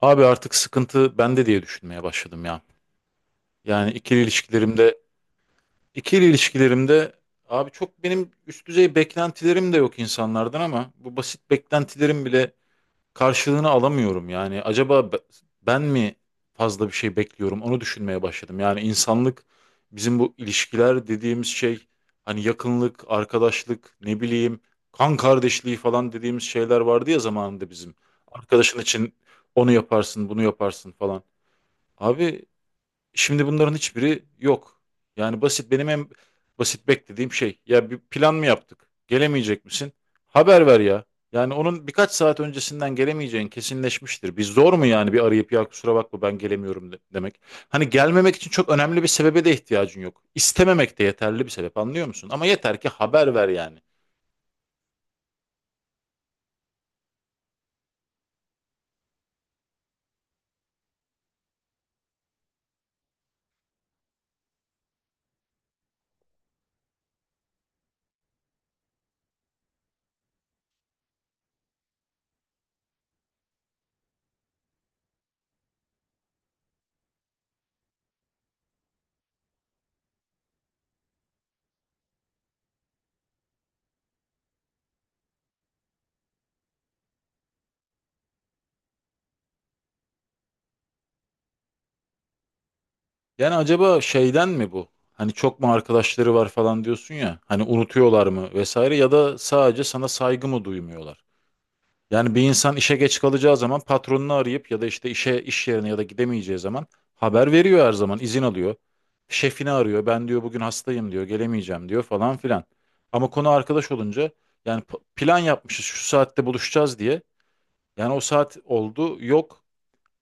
Abi artık sıkıntı bende diye düşünmeye başladım ya. Yani ikili ilişkilerimde abi çok benim üst düzey beklentilerim de yok insanlardan ama bu basit beklentilerim bile karşılığını alamıyorum. Yani acaba ben mi fazla bir şey bekliyorum onu düşünmeye başladım. Yani insanlık bizim bu ilişkiler dediğimiz şey hani yakınlık, arkadaşlık, ne bileyim kan kardeşliği falan dediğimiz şeyler vardı ya zamanında bizim. Arkadaşın için onu yaparsın, bunu yaparsın falan. Abi şimdi bunların hiçbiri yok. Yani basit benim en basit beklediğim şey. Ya bir plan mı yaptık? Gelemeyecek misin? Haber ver ya. Yani onun birkaç saat öncesinden gelemeyeceğin kesinleşmiştir. Bir zor mu yani bir arayıp ya kusura bakma ben gelemiyorum demek. Hani gelmemek için çok önemli bir sebebe de ihtiyacın yok. İstememek de yeterli bir sebep anlıyor musun? Ama yeter ki haber ver yani. Yani acaba şeyden mi bu? Hani çok mu arkadaşları var falan diyorsun ya. Hani unutuyorlar mı vesaire ya da sadece sana saygı mı duymuyorlar? Yani bir insan işe geç kalacağı zaman patronunu arayıp ya da işte işe iş yerine ya da gidemeyeceği zaman haber veriyor her zaman izin alıyor. Şefini arıyor ben diyor bugün hastayım diyor gelemeyeceğim diyor falan filan. Ama konu arkadaş olunca yani plan yapmışız şu saatte buluşacağız diye. Yani o saat oldu yok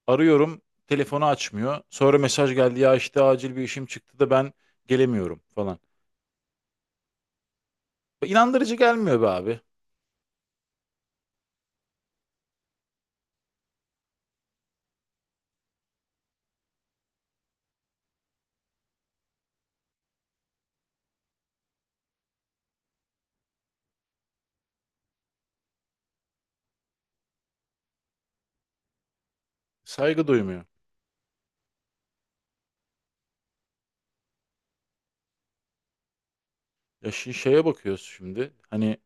arıyorum telefonu açmıyor. Sonra mesaj geldi ya işte acil bir işim çıktı da ben gelemiyorum falan. İnandırıcı gelmiyor be abi saygı duymuyor. Ya şeye bakıyoruz şimdi hani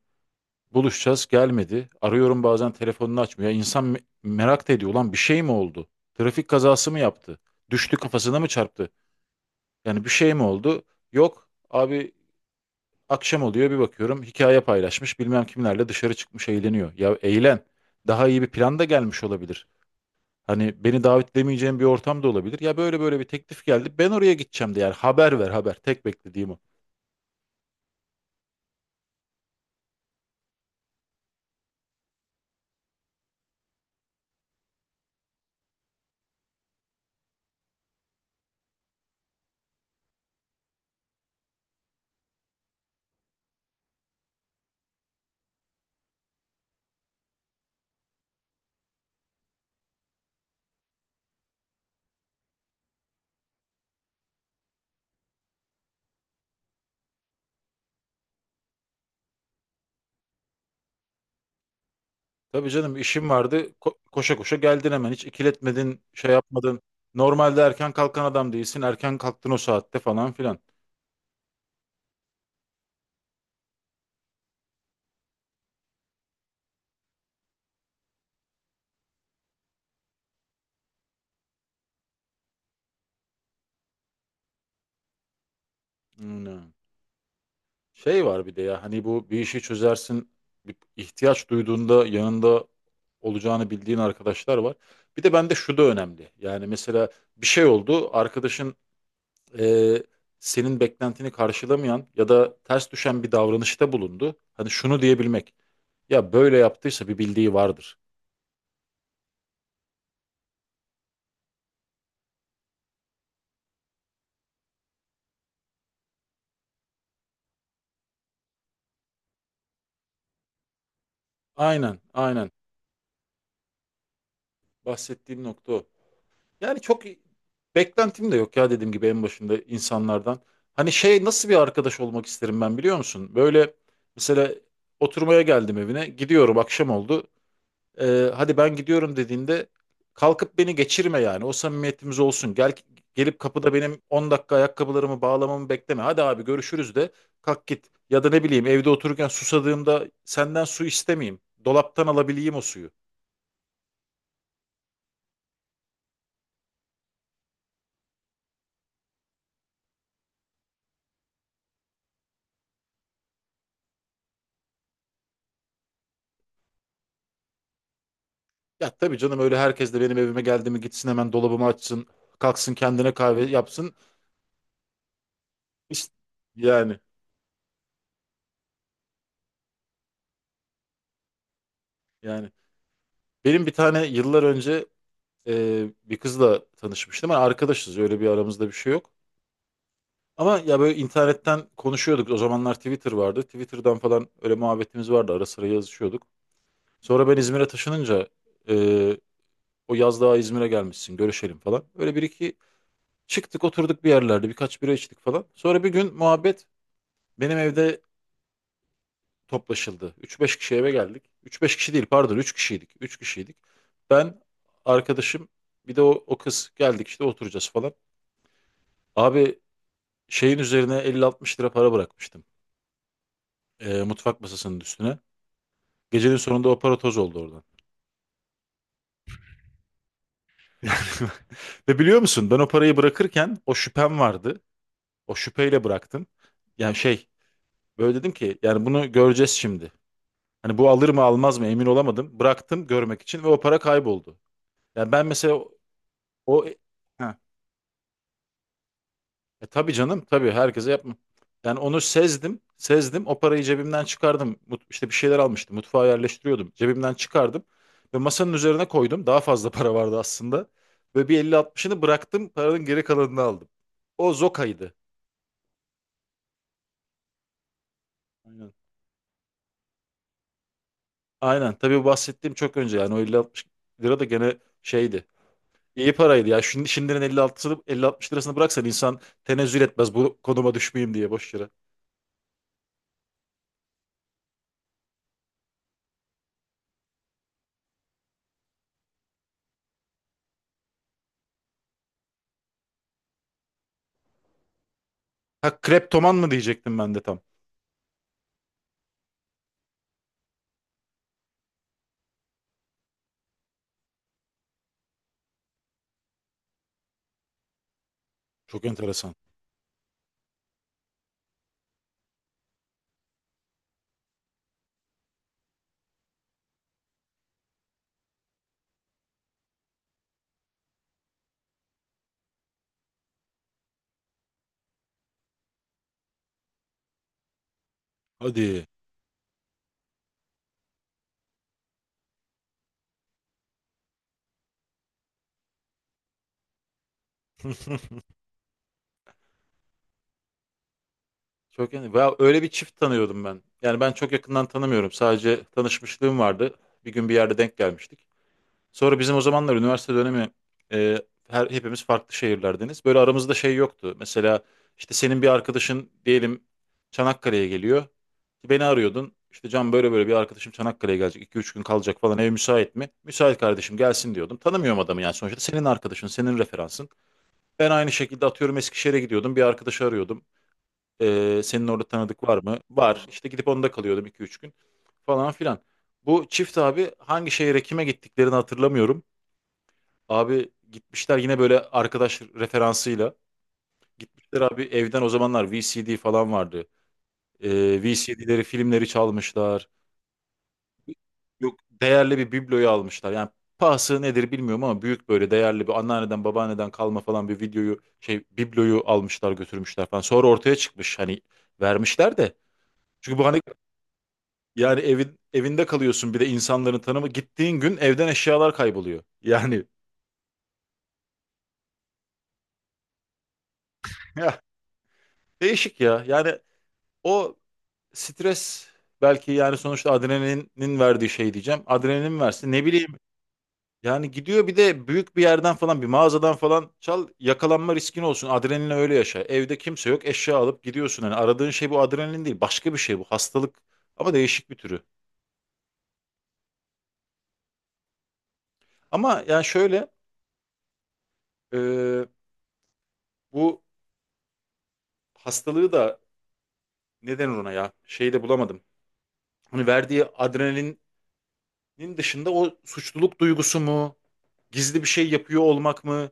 buluşacağız gelmedi. Arıyorum bazen telefonunu açmıyor. Ya İnsan merak da ediyor. Ulan bir şey mi oldu? Trafik kazası mı yaptı? Düştü kafasına mı çarptı? Yani bir şey mi oldu? Yok abi akşam oluyor bir bakıyorum hikaye paylaşmış bilmem kimlerle dışarı çıkmış eğleniyor. Ya eğlen daha iyi bir plan da gelmiş olabilir. Hani beni davet edemeyeceğim bir ortam da olabilir. Ya böyle böyle bir teklif geldi ben oraya gideceğim de yani haber ver haber tek beklediğim o. Tabii canım işim vardı. Koşa koşa geldin hemen. Hiç ikiletmedin, şey yapmadın. Normalde erken kalkan adam değilsin. Erken kalktın o saatte falan filan. Hmm. Şey var bir de ya hani bu bir işi çözersin. Bir ihtiyaç duyduğunda yanında olacağını bildiğin arkadaşlar var. Bir de bende şu da önemli. Yani mesela bir şey oldu. Arkadaşın e, senin beklentini karşılamayan ya da ters düşen bir davranışta bulundu. Hani şunu diyebilmek. Ya böyle yaptıysa bir bildiği vardır. Aynen, aynen. Bahsettiğim nokta o. Yani çok beklentim de yok ya dediğim gibi en başında insanlardan. Hani şey nasıl bir arkadaş olmak isterim ben biliyor musun? Böyle mesela oturmaya geldim evine gidiyorum akşam oldu. Hadi ben gidiyorum dediğinde kalkıp beni geçirme yani o samimiyetimiz olsun. Gel gelip kapıda benim 10 dakika ayakkabılarımı bağlamamı bekleme. Hadi abi görüşürüz de kalk git. Ya da ne bileyim evde otururken susadığımda senden su istemeyeyim. Dolaptan alabileyim o suyu. Ya tabii canım öyle herkes de benim evime geldi mi gitsin hemen dolabımı açsın. Kalksın kendine kahve yapsın. İşte yani yani. Benim bir tane yıllar önce bir kızla tanışmıştım. Ama arkadaşız öyle bir aramızda bir şey yok. Ama ya böyle internetten konuşuyorduk. O zamanlar Twitter vardı. Twitter'dan falan öyle muhabbetimiz vardı. Ara sıra yazışıyorduk. Sonra ben İzmir'e taşınınca e, o yaz daha İzmir'e gelmişsin görüşelim falan. Öyle bir iki çıktık oturduk bir yerlerde birkaç bira içtik falan. Sonra bir gün muhabbet benim evde toplaşıldı. Üç beş kişi eve geldik. Üç beş kişi değil pardon 3 kişiydik. 3 kişiydik. Ben, arkadaşım bir de o, o kız geldik işte oturacağız falan. Abi şeyin üzerine 50-60 lira para bırakmıştım. Mutfak masasının üstüne. Gecenin sonunda o para toz oldu oradan. Yani, ve biliyor musun ben o parayı bırakırken o şüphem vardı. O şüpheyle bıraktım. Yani şey böyle dedim ki yani bunu göreceğiz şimdi. Hani bu alır mı almaz mı emin olamadım. Bıraktım görmek için ve o para kayboldu. Yani ben mesela o... o- Heh. E tabii canım tabii herkese yapma. Yani onu sezdim. Sezdim. O parayı cebimden çıkardım. İşte bir şeyler almıştım. Mutfağa yerleştiriyordum. Cebimden çıkardım. Ve masanın üzerine koydum. Daha fazla para vardı aslında. Ve bir 50-60'ını bıraktım. Paranın geri kalanını aldım. O Zoka'ydı. Aynen. Aynen. Tabii bu bahsettiğim çok önce yani. O 50-60 lira da gene şeydi. İyi paraydı ya. Şimdi, şimdinin 50-60'ını 50-60 lirasını bıraksan insan tenezzül etmez. Bu konuma düşmeyeyim diye boş yere. Ha kreptoman mı diyecektim ben de tam. Çok enteresan. Hadi. Çok yani ya öyle bir çift tanıyordum ben. Yani ben çok yakından tanımıyorum. Sadece tanışmışlığım vardı. Bir gün bir yerde denk gelmiştik. Sonra bizim o zamanlar üniversite dönemi e, hepimiz farklı şehirlerdeniz. Böyle aramızda şey yoktu. Mesela işte senin bir arkadaşın diyelim Çanakkale'ye geliyor. Beni arıyordun. İşte Can böyle böyle bir arkadaşım Çanakkale'ye gelecek. 2 üç gün kalacak falan. Ev müsait mi? Müsait kardeşim gelsin diyordum. Tanımıyorum adamı yani sonuçta. Senin arkadaşın, senin referansın. Ben aynı şekilde atıyorum Eskişehir'e gidiyordum. Bir arkadaşı arıyordum. Senin orada tanıdık var mı? Var. İşte gidip onda kalıyordum iki üç gün falan filan. Bu çift abi hangi şehre kime gittiklerini hatırlamıyorum. Abi gitmişler yine böyle arkadaş referansıyla. Gitmişler abi evden o zamanlar VCD falan vardı. VCD'leri, filmleri çalmışlar. Yok değerli bir bibloyu almışlar. Yani pahası nedir bilmiyorum ama büyük böyle değerli bir anneanneden babaanneden kalma falan bir videoyu şey bibloyu almışlar götürmüşler falan. Sonra ortaya çıkmış hani vermişler de. Çünkü bu hani yani evin evinde kalıyorsun bir de insanların tanımı. Gittiğin gün evden eşyalar kayboluyor. Yani ya, değişik ya. Yani o stres belki yani sonuçta adrenalinin verdiği şey diyeceğim. Adrenalin versin ne bileyim. Yani gidiyor bir de büyük bir yerden falan bir mağazadan falan çal yakalanma riskin olsun. Adrenalin öyle yaşa. Evde kimse yok eşya alıp gidiyorsun. Yani aradığın şey bu adrenalin değil başka bir şey bu hastalık ama değişik bir türü. Ama yani şöyle e, bu hastalığı da neden ona ya? Şeyi de bulamadım. Hani verdiği adrenalinin dışında o suçluluk duygusu mu? Gizli bir şey yapıyor olmak mı?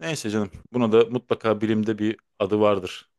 Neyse canım. Buna da mutlaka bilimde bir adı vardır.